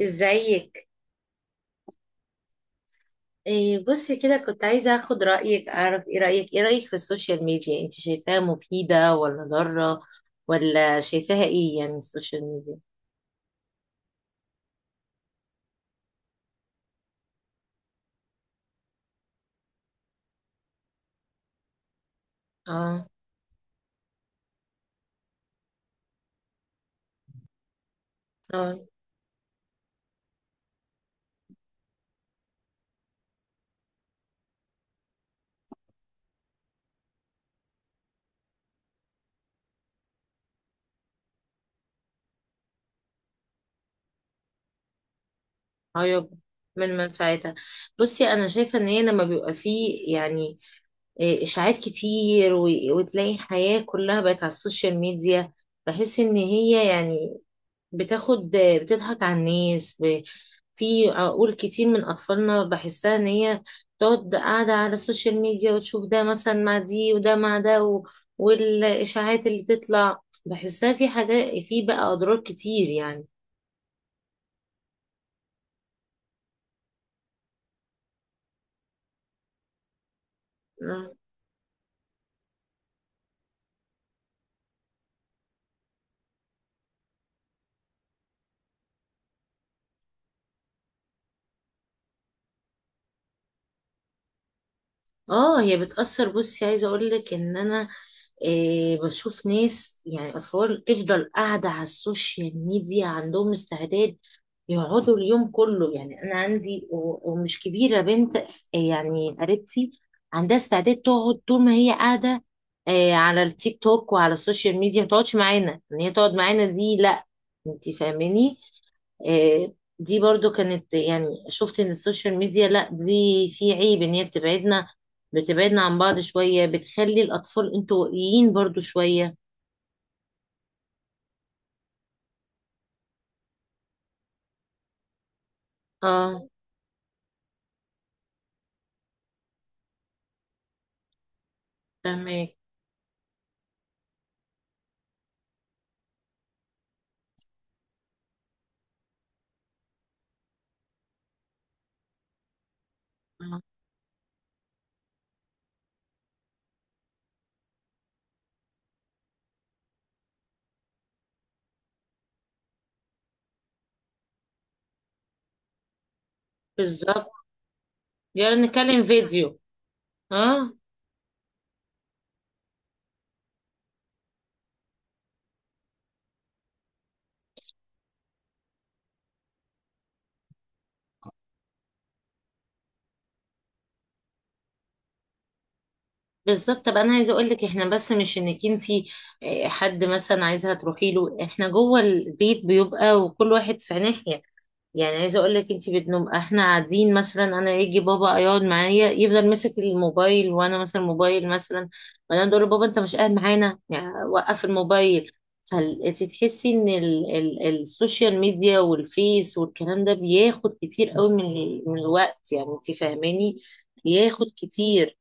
ازيك؟ إيه، بصي كده، كنت عايزة اخد رأيك، اعرف ايه رأيك في السوشيال ميديا. انت شايفاها مفيدة ولا ضارة؟ ولا شايفاها ايه؟ يعني السوشيال ميديا. اه. اه. عيوب من منفعتها. بصي انا شايفة ان هي لما بيبقى فيه، يعني، إيه اشاعات كتير، وتلاقي حياة كلها بقت على السوشيال ميديا. بحس ان هي يعني بتاخد، بتضحك على الناس، في عقول كتير من أطفالنا. بحسها إن هي تقعد قاعدة على السوشيال ميديا وتشوف ده مثلا مع دي وده مع ده والإشاعات اللي تطلع، بحسها في حاجات، في بقى أضرار كتير يعني. اه، هي بتأثر. بصي عايزة اقول لك ان انا إيه بشوف ناس، يعني اطفال، تفضل قاعدة على السوشيال ميديا، عندهم استعداد يقعدوا اليوم كله. يعني انا عندي ومش كبيرة، بنت إيه، يعني قريبتي، عندها استعداد تقعد طول ما هي قاعدة إيه على التيك توك وعلى السوشيال ميديا. ما تقعدش معانا، ان هي تقعد معانا دي لا. انت فاهماني. آه، دي برضو كانت، يعني شفت ان السوشيال ميديا لا، دي في عيب ان هي بتبعدنا عن بعض شوية، بتخلي الاطفال انطوائيين برضو شوية. اه. فهمك. آه. بالظبط. يلا نتكلم فيديو. اه. بالظبط. طب انا عايزه اقول لك احنا، بس مش انك انتي، آه، حد مثلا عايزها تروحي له. احنا جوه البيت بيبقى وكل واحد في ناحيه. يعني عايزه اقول لك انت، بتنوم احنا قاعدين مثلا، انا يجي بابا يقعد معايا يفضل ماسك الموبايل، وانا مثلا موبايل مثلا، وانا اقول له بابا انت مش قاعد معانا، يعني وقف الموبايل. فانت تحسي ان ال السوشيال ميديا والفيس والكلام ده بياخد كتير قوي من الوقت، يعني انت فاهماني، بياخد كتير.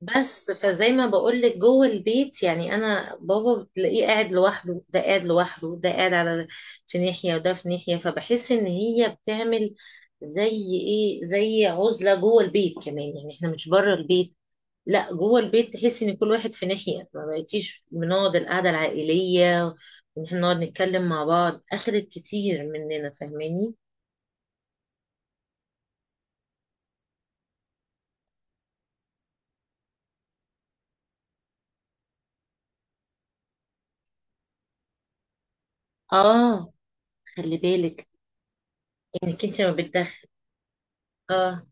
بس فزي ما بقولك جوه البيت، يعني انا بابا بتلاقيه قاعد لوحده، ده قاعد لوحده، ده قاعد على، في ناحية، وده في ناحية. فبحس ان هي بتعمل زي ايه، زي عزلة جوه البيت كمان. يعني احنا مش بره البيت، لا جوه البيت، تحس ان كل واحد في ناحية. ما بقيتيش بنقعد القعدة العائلية وان احنا نقعد نتكلم مع بعض. اخدت كتير مننا، فاهماني. اه. خلي بالك انك انت ما بتدخل. اه.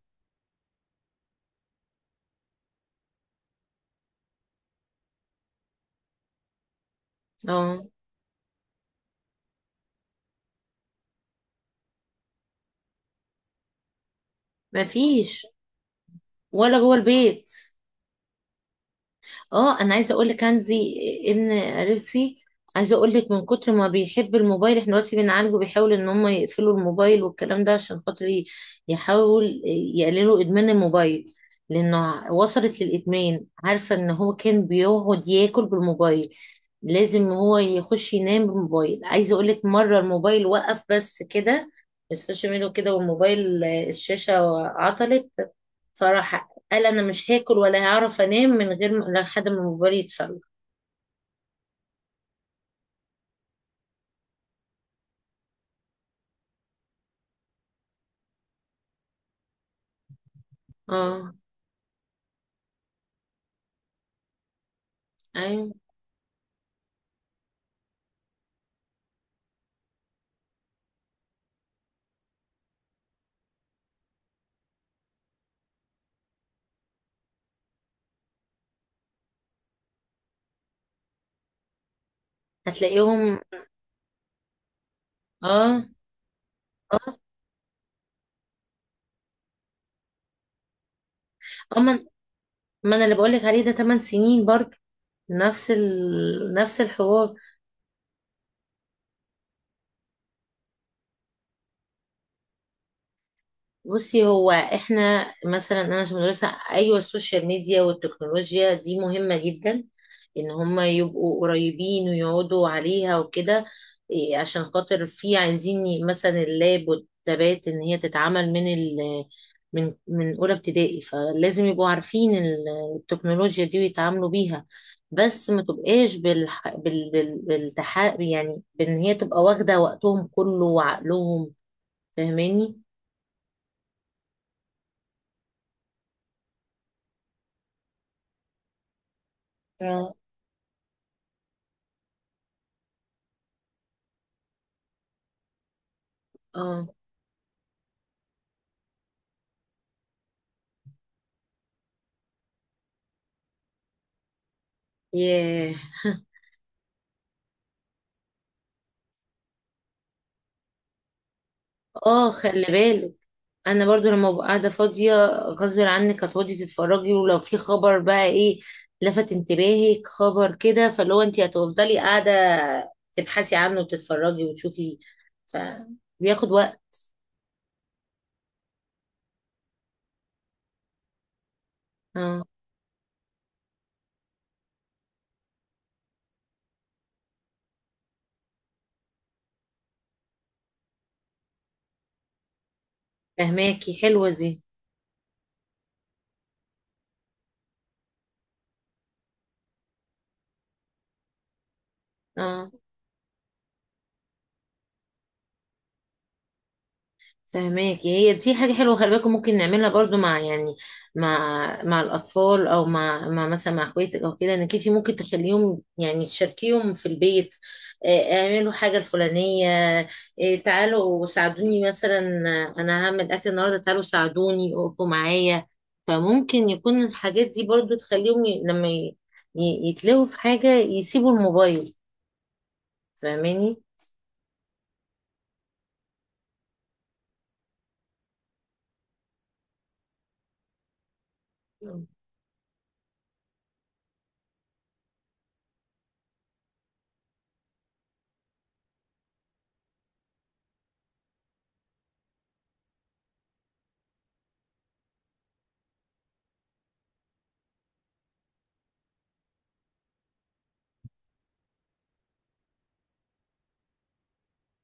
اه. ما فيش، ولا جوه البيت. اه، انا عايزه اقول لك عندي ابن قريبتي. عايزه اقول لك من كتر ما بيحب الموبايل، احنا دلوقتي بنعالجه، بيحاول ان هم يقفلوا الموبايل والكلام ده عشان خاطر يحاول يقللوا ادمان الموبايل. لانه وصلت للادمان، عارفه ان هو كان بيقعد ياكل بالموبايل، لازم هو يخش ينام بالموبايل. عايزه اقول لك مره الموبايل وقف بس كده، السوشيال ميديا كده والموبايل، آه، الشاشه عطلت. فراح قال انا مش هاكل ولا هعرف انام من غير لحد ما الموبايل يتصلح. اه. ايوه. هتلاقيهم. اه. اه. آه، ما انا اللي بقول لك عليه، ده 8 سنين برضه. نفس الحوار. بصي هو احنا مثلا انا عشان مدرسه، ايوه السوشيال ميديا والتكنولوجيا دي مهمه جدا، ان هم يبقوا قريبين ويقعدوا عليها وكده. إيه، عشان خاطر في عايزين مثلا اللاب والتابات ان هي تتعمل من ال من من اولى ابتدائي، فلازم يبقوا عارفين التكنولوجيا دي ويتعاملوا بيها. بس ما تبقاش بالح... بال... بال... بالتح... يعني بان هي تبقى واخده وقتهم كله وعقلهم، فاهماني؟ آه. اه. ياه. اه، خلي بالك، انا برضو لما ببقى قاعده فاضيه غصب عنك هتقعدي تتفرجي. ولو في خبر بقى، ايه، لفت انتباهك خبر كده، فاللي هو انت هتفضلي قاعده تبحثي عنه وتتفرجي وتشوفي، فبياخد وقت. اه. فهماكي، حلوه دي. اه، فهماكي، هي دي حاجة حلوة. خلي بالكم ممكن نعملها برضو مع، يعني، مع الأطفال أو مع, مع مثلا مع اخواتك أو كده، إنك انتي ممكن تخليهم، يعني تشاركيهم في البيت. آه، اعملوا حاجة الفلانية. آه، تعالوا ساعدوني مثلا. آه، أنا هعمل أكل النهاردة، تعالوا ساعدوني اقفوا معايا. فممكن يكون الحاجات دي برضو تخليهم لما يتلهوا في حاجة يسيبوا الموبايل، فاهماني؟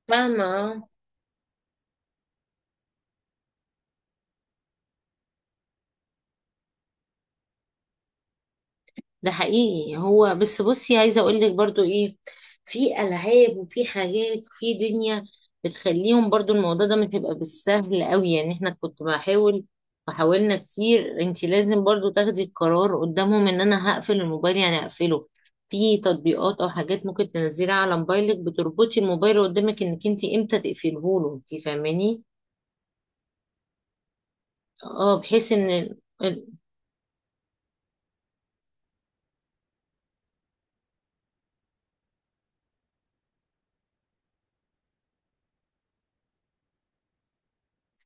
فاهمة. ده حقيقي، هو بس. بصي عايزه اقول لك برضو، ايه، في العاب وفي حاجات في دنيا بتخليهم برضو، الموضوع ده مش هيبقى بالسهل قوي. يعني احنا كنت بحاول، وحاولنا كتير. انت لازم برضو تاخدي القرار قدامهم ان انا هقفل الموبايل، يعني هقفله. في تطبيقات او حاجات ممكن تنزليها على موبايلك بتربطي الموبايل قدامك انك انت امتى تقفله له، انت فاهماني. اه، بحيث ان ال-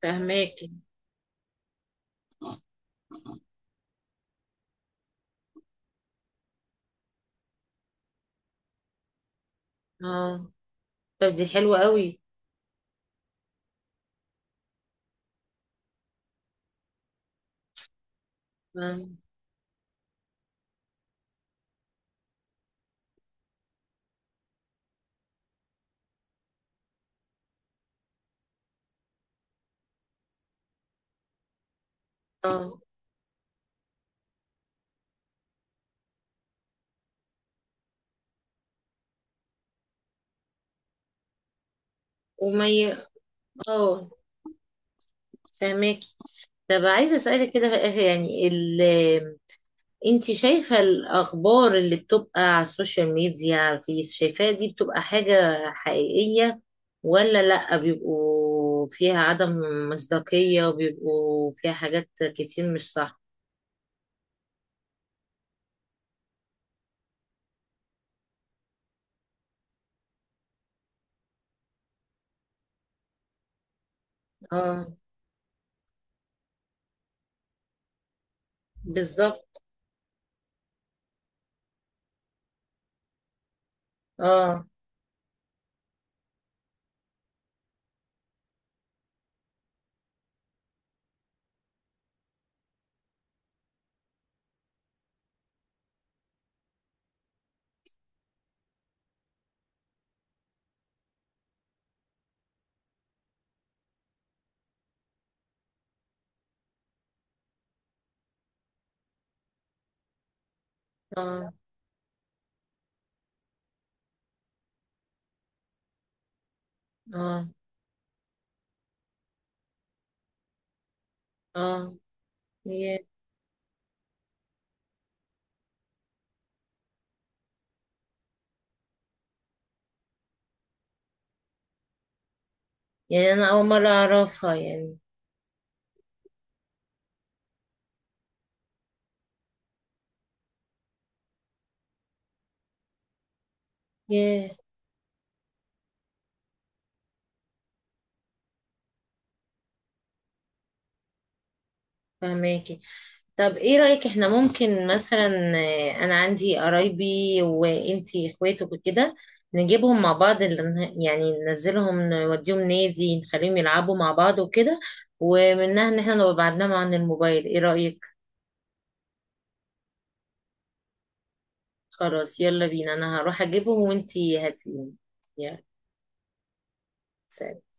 فاهماكي. اه. طب دي حلوه قوي. اه. آه. وما ي... اه. فهماكي. طب عايزه اسالك كده في الاخر، يعني انت شايفه الاخبار اللي بتبقى على السوشيال ميديا، على الفيس، شايفاها دي بتبقى حاجه حقيقيه ولا لا، بيبقوا فيها عدم مصداقيه وبيبقوا فيها حاجات كتير مش صح؟ اه. بالظبط. اه. اه. اه. اه. ياه. يعني انا اول مره اعرفها يعني. ياه. فهماكي. طب ايه رأيك، احنا ممكن مثلا، آه، انا عندي قرايبي وانتي اخواتك وكده، نجيبهم مع بعض، يعني ننزلهم نوديهم نادي، نخليهم يلعبوا مع بعض وكده، ومنها ان احنا نبقى بعدناهم عن الموبايل. ايه رأيك؟ خلاص، يلا بينا، انا هروح اجيبهم وانتي هاتيهم. يلا. سلام.